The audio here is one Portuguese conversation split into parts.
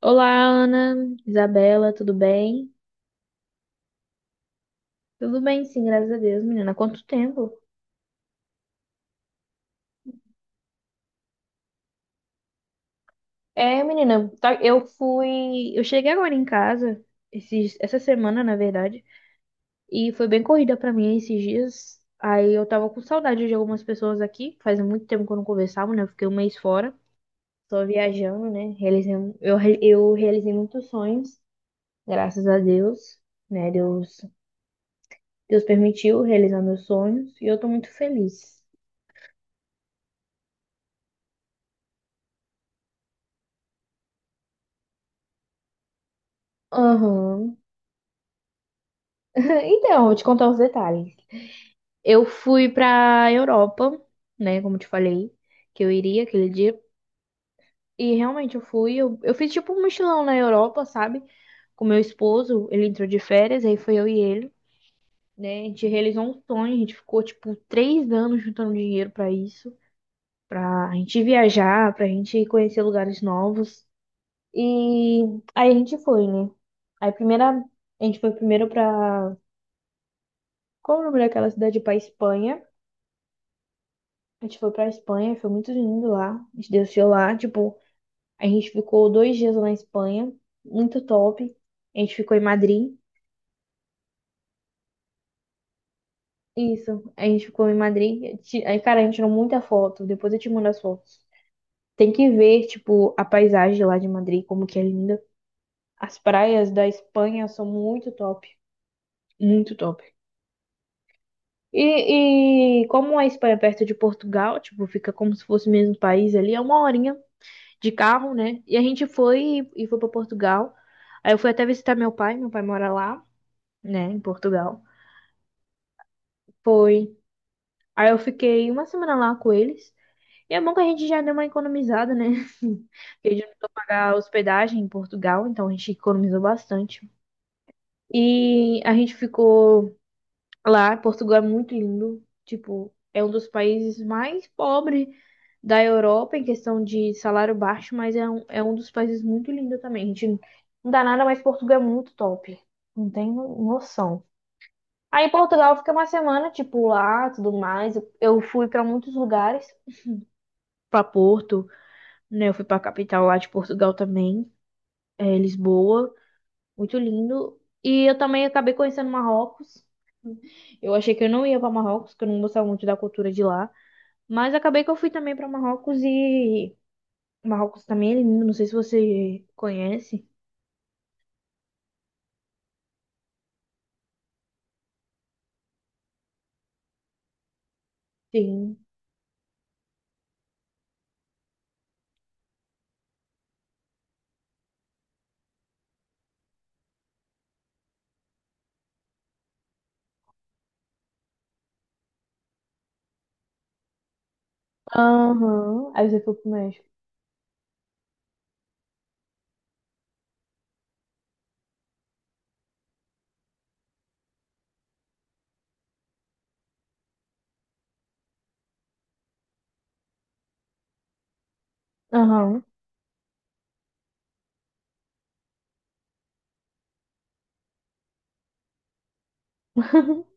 Olá, Ana, Isabela, tudo bem? Tudo bem, sim, graças a Deus, menina. Há quanto tempo? É, menina, eu fui. Eu cheguei agora em casa, essa semana, na verdade, e foi bem corrida pra mim esses dias. Aí eu tava com saudade de algumas pessoas aqui. Faz muito tempo que eu não conversava, né? Eu fiquei um mês fora, só viajando, né? Realizei, um, eu, re- eu realizei muitos sonhos, graças a Deus, né? Deus permitiu realizar meus sonhos e eu tô muito feliz. Aham. Então, vou te contar os detalhes. Eu fui pra Europa, né? Como eu te falei, que eu iria aquele dia. E realmente eu fui. Eu fiz tipo um mochilão na Europa, sabe? Com meu esposo. Ele entrou de férias, aí foi eu e ele, né? A gente realizou um sonho. A gente ficou tipo 3 anos juntando dinheiro pra isso. Pra gente viajar, pra gente conhecer lugares novos. E aí a gente foi, né? Aí primeira. A gente foi primeiro pra. Qual o nome daquela cidade? Pra Espanha. A gente foi pra Espanha, foi muito lindo lá. A gente desceu lá, tipo, a gente ficou 2 dias lá na Espanha, muito top. A gente ficou em Madrid. Isso, a gente ficou em Madrid. Aí, cara, a gente tirou muita foto. Depois eu te mando as fotos. Tem que ver, tipo, a paisagem lá de Madrid, como que é linda. As praias da Espanha são muito top, muito top. E como a Espanha é perto de Portugal, tipo, fica como se fosse o mesmo país ali, é uma horinha de carro, né? E a gente foi e foi para Portugal. Aí eu fui até visitar meu pai mora lá, né, em Portugal. Foi. Aí eu fiquei uma semana lá com eles. E é bom que a gente já deu uma economizada, né? Porque a gente não precisou pagar hospedagem em Portugal, então a gente economizou bastante. E a gente ficou lá. Portugal é muito lindo. Tipo, é um dos países mais pobres da Europa em questão de salário baixo, mas é um dos países muito lindo também. A gente não dá nada, mas Portugal é muito top. Não tem noção. Aí em Portugal fica uma semana, tipo, lá, tudo mais. Eu fui para muitos lugares, para Porto, né? Eu fui para a capital lá de Portugal também, é, Lisboa, muito lindo. E eu também acabei conhecendo Marrocos. Eu achei que eu não ia para Marrocos, que eu não gostava muito da cultura de lá. Mas acabei que eu fui também para Marrocos e Marrocos também é lindo, não sei se você conhece. Sim. Aham. Aí você foi pro México. Aham.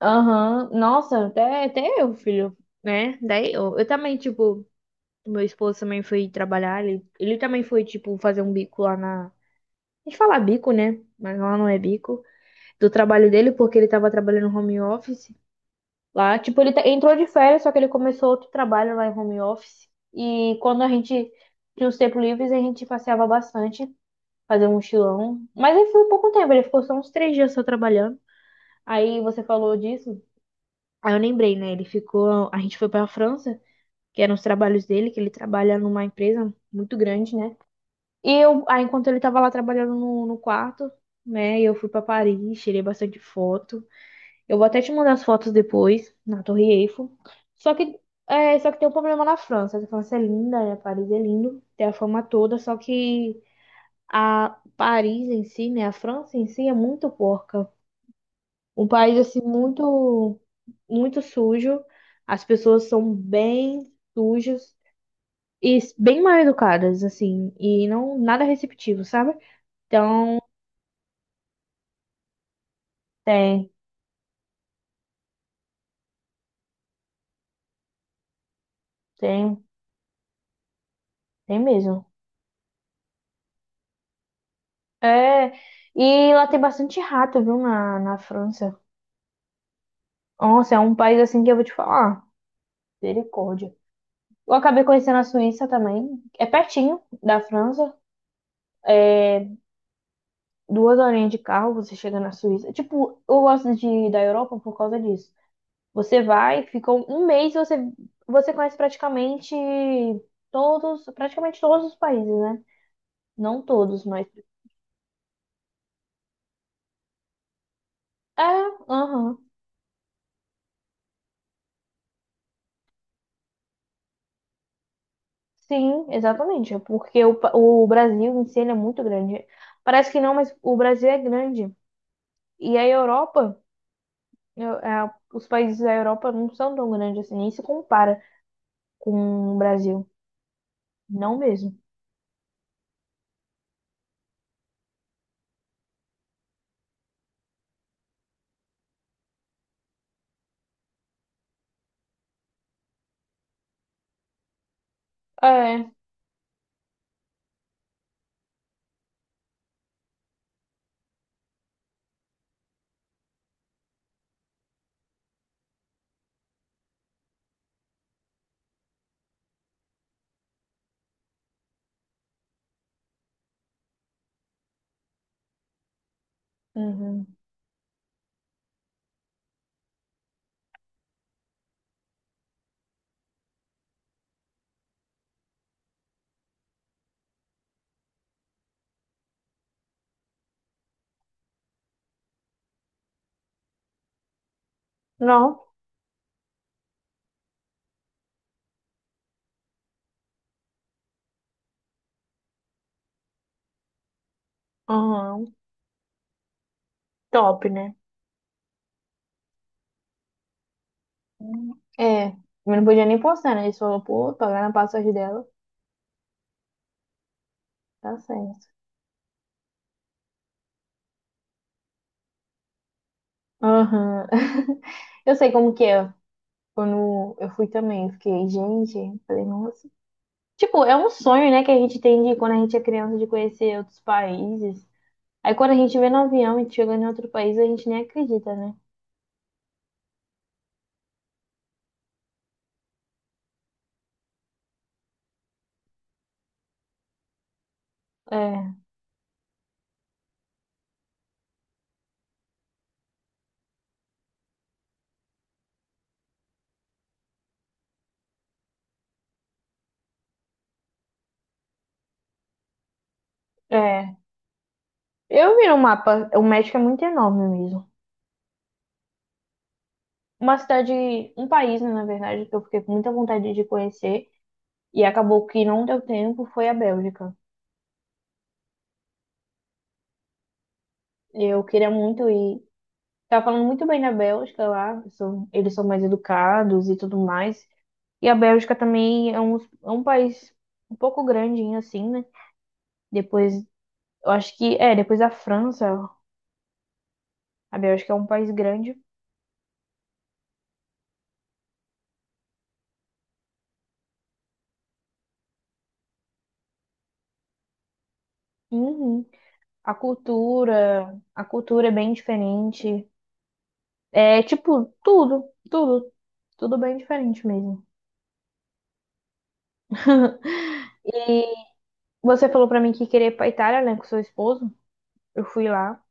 Aham, nossa, até eu, filho, né? Daí eu também, tipo, meu esposo também foi trabalhar, ele também foi, tipo, fazer um bico lá na. A gente fala bico, né? Mas lá não é bico. Do trabalho dele, porque ele tava trabalhando home office. Lá, tipo, ele entrou de férias, só que ele começou outro trabalho lá em home office. E quando a gente tinha os tempos livres, a gente passeava bastante, fazia um mochilão. Mas ele foi pouco tempo, ele ficou só uns 3 dias só trabalhando. Aí você falou disso, aí eu lembrei, né? Ele ficou, a gente foi pra França, que eram os trabalhos dele, que ele trabalha numa empresa muito grande, né? E eu, aí enquanto ele tava lá trabalhando no quarto, né? Eu fui pra Paris, tirei bastante foto. Eu vou até te mandar as fotos depois, na Torre Eiffel. Só que, só que tem um problema na França. A França é linda, né? Paris é lindo, tem a fama toda, só que a Paris em si, né? A França em si é muito porca. Um país, assim, muito, muito sujo. As pessoas são bem sujas e bem mal educadas, assim, e não nada receptivo, sabe? Então, tem, tem, tem mesmo. É, e lá tem bastante rato, viu, na França. Nossa, é um país assim que eu vou te falar. Misericórdia. Eu acabei conhecendo a Suíça também. É pertinho da França. É duas horinhas de carro, você chega na Suíça. Tipo, eu gosto de ir da Europa por causa disso. Você vai, fica um mês, você conhece praticamente todos os países, né? Não todos, mas. É, aham. Sim, exatamente. É, porque o Brasil em si ele é muito grande. Parece que não, mas o Brasil é grande. E a Europa. Os países da Europa não são tão grandes assim, nem se compara com o Brasil. Não mesmo. É. Uhum. Não. Uhum. Top, né? Uhum. É. Eu não podia nem postar, né? Eles falaram, pô, pagar na passagem dela. Tá certo. Aham. Eu sei como que é. Quando eu fui também, eu fiquei, gente, falei, nossa. Tipo, é um sonho, né, que a gente tem de quando a gente é criança de conhecer outros países. Aí quando a gente vê no avião e chega em outro país, a gente nem acredita, né? É. É, eu vi no mapa, o México é muito enorme mesmo. Uma cidade, um país, né, na verdade, que eu fiquei com muita vontade de conhecer e acabou que não deu tempo, foi a Bélgica. Eu queria muito ir. Tava falando muito bem da Bélgica lá, eles são mais educados e tudo mais. E a Bélgica também é um país um pouco grandinho assim, né? Depois, eu acho que, depois da França, a Bélgica é um país grande. Uhum. A cultura é bem diferente. É tipo, tudo, tudo, tudo bem diferente mesmo. E você falou pra mim que queria ir pra Itália, né, com seu esposo? Eu fui lá.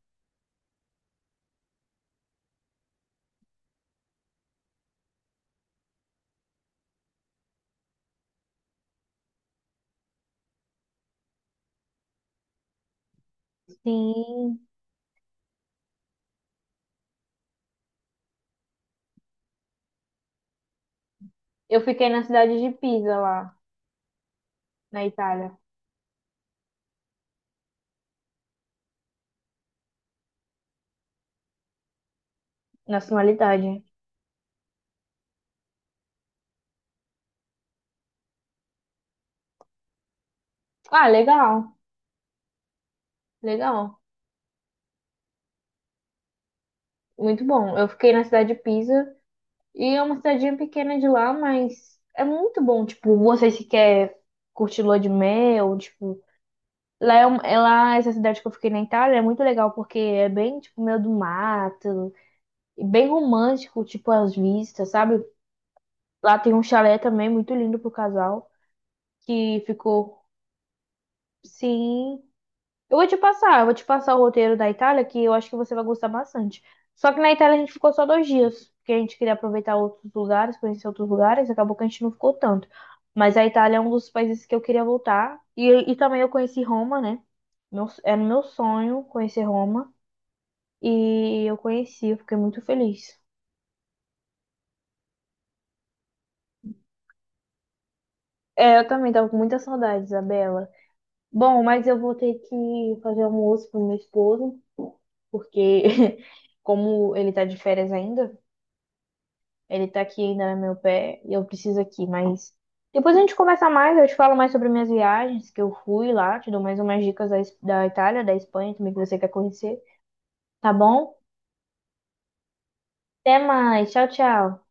Sim, eu fiquei na cidade de Pisa, lá na Itália, nacionalidade. Ah, legal, legal, muito bom. Eu fiquei na cidade de Pisa e é uma cidadinha pequena de lá, mas é muito bom. Tipo, você se quer curtir lua de mel, tipo, lá é lá essa cidade que eu fiquei na Itália é muito legal porque é bem tipo meio do mato. E bem romântico, tipo as vistas, sabe? Lá tem um chalé também muito lindo pro casal, que ficou. Sim. Eu vou te passar o roteiro da Itália, que eu acho que você vai gostar bastante. Só que na Itália a gente ficou só 2 dias, porque a gente queria aproveitar outros lugares, conhecer outros lugares, acabou que a gente não ficou tanto. Mas a Itália é um dos países que eu queria voltar. E também eu conheci Roma, né? Meu, era meu sonho conhecer Roma. E eu conheci, eu fiquei muito feliz. É, eu também tava com muita saudade, Isabela. Bom, mas eu vou ter que fazer almoço pro meu esposo, porque como ele tá de férias ainda, ele tá aqui ainda no meu pé e eu preciso aqui, mas depois a gente conversa mais, eu te falo mais sobre minhas viagens que eu fui lá, te dou mais umas dicas da, da Itália, da Espanha também que você quer conhecer, tá bom? Até mais, tchau, tchau.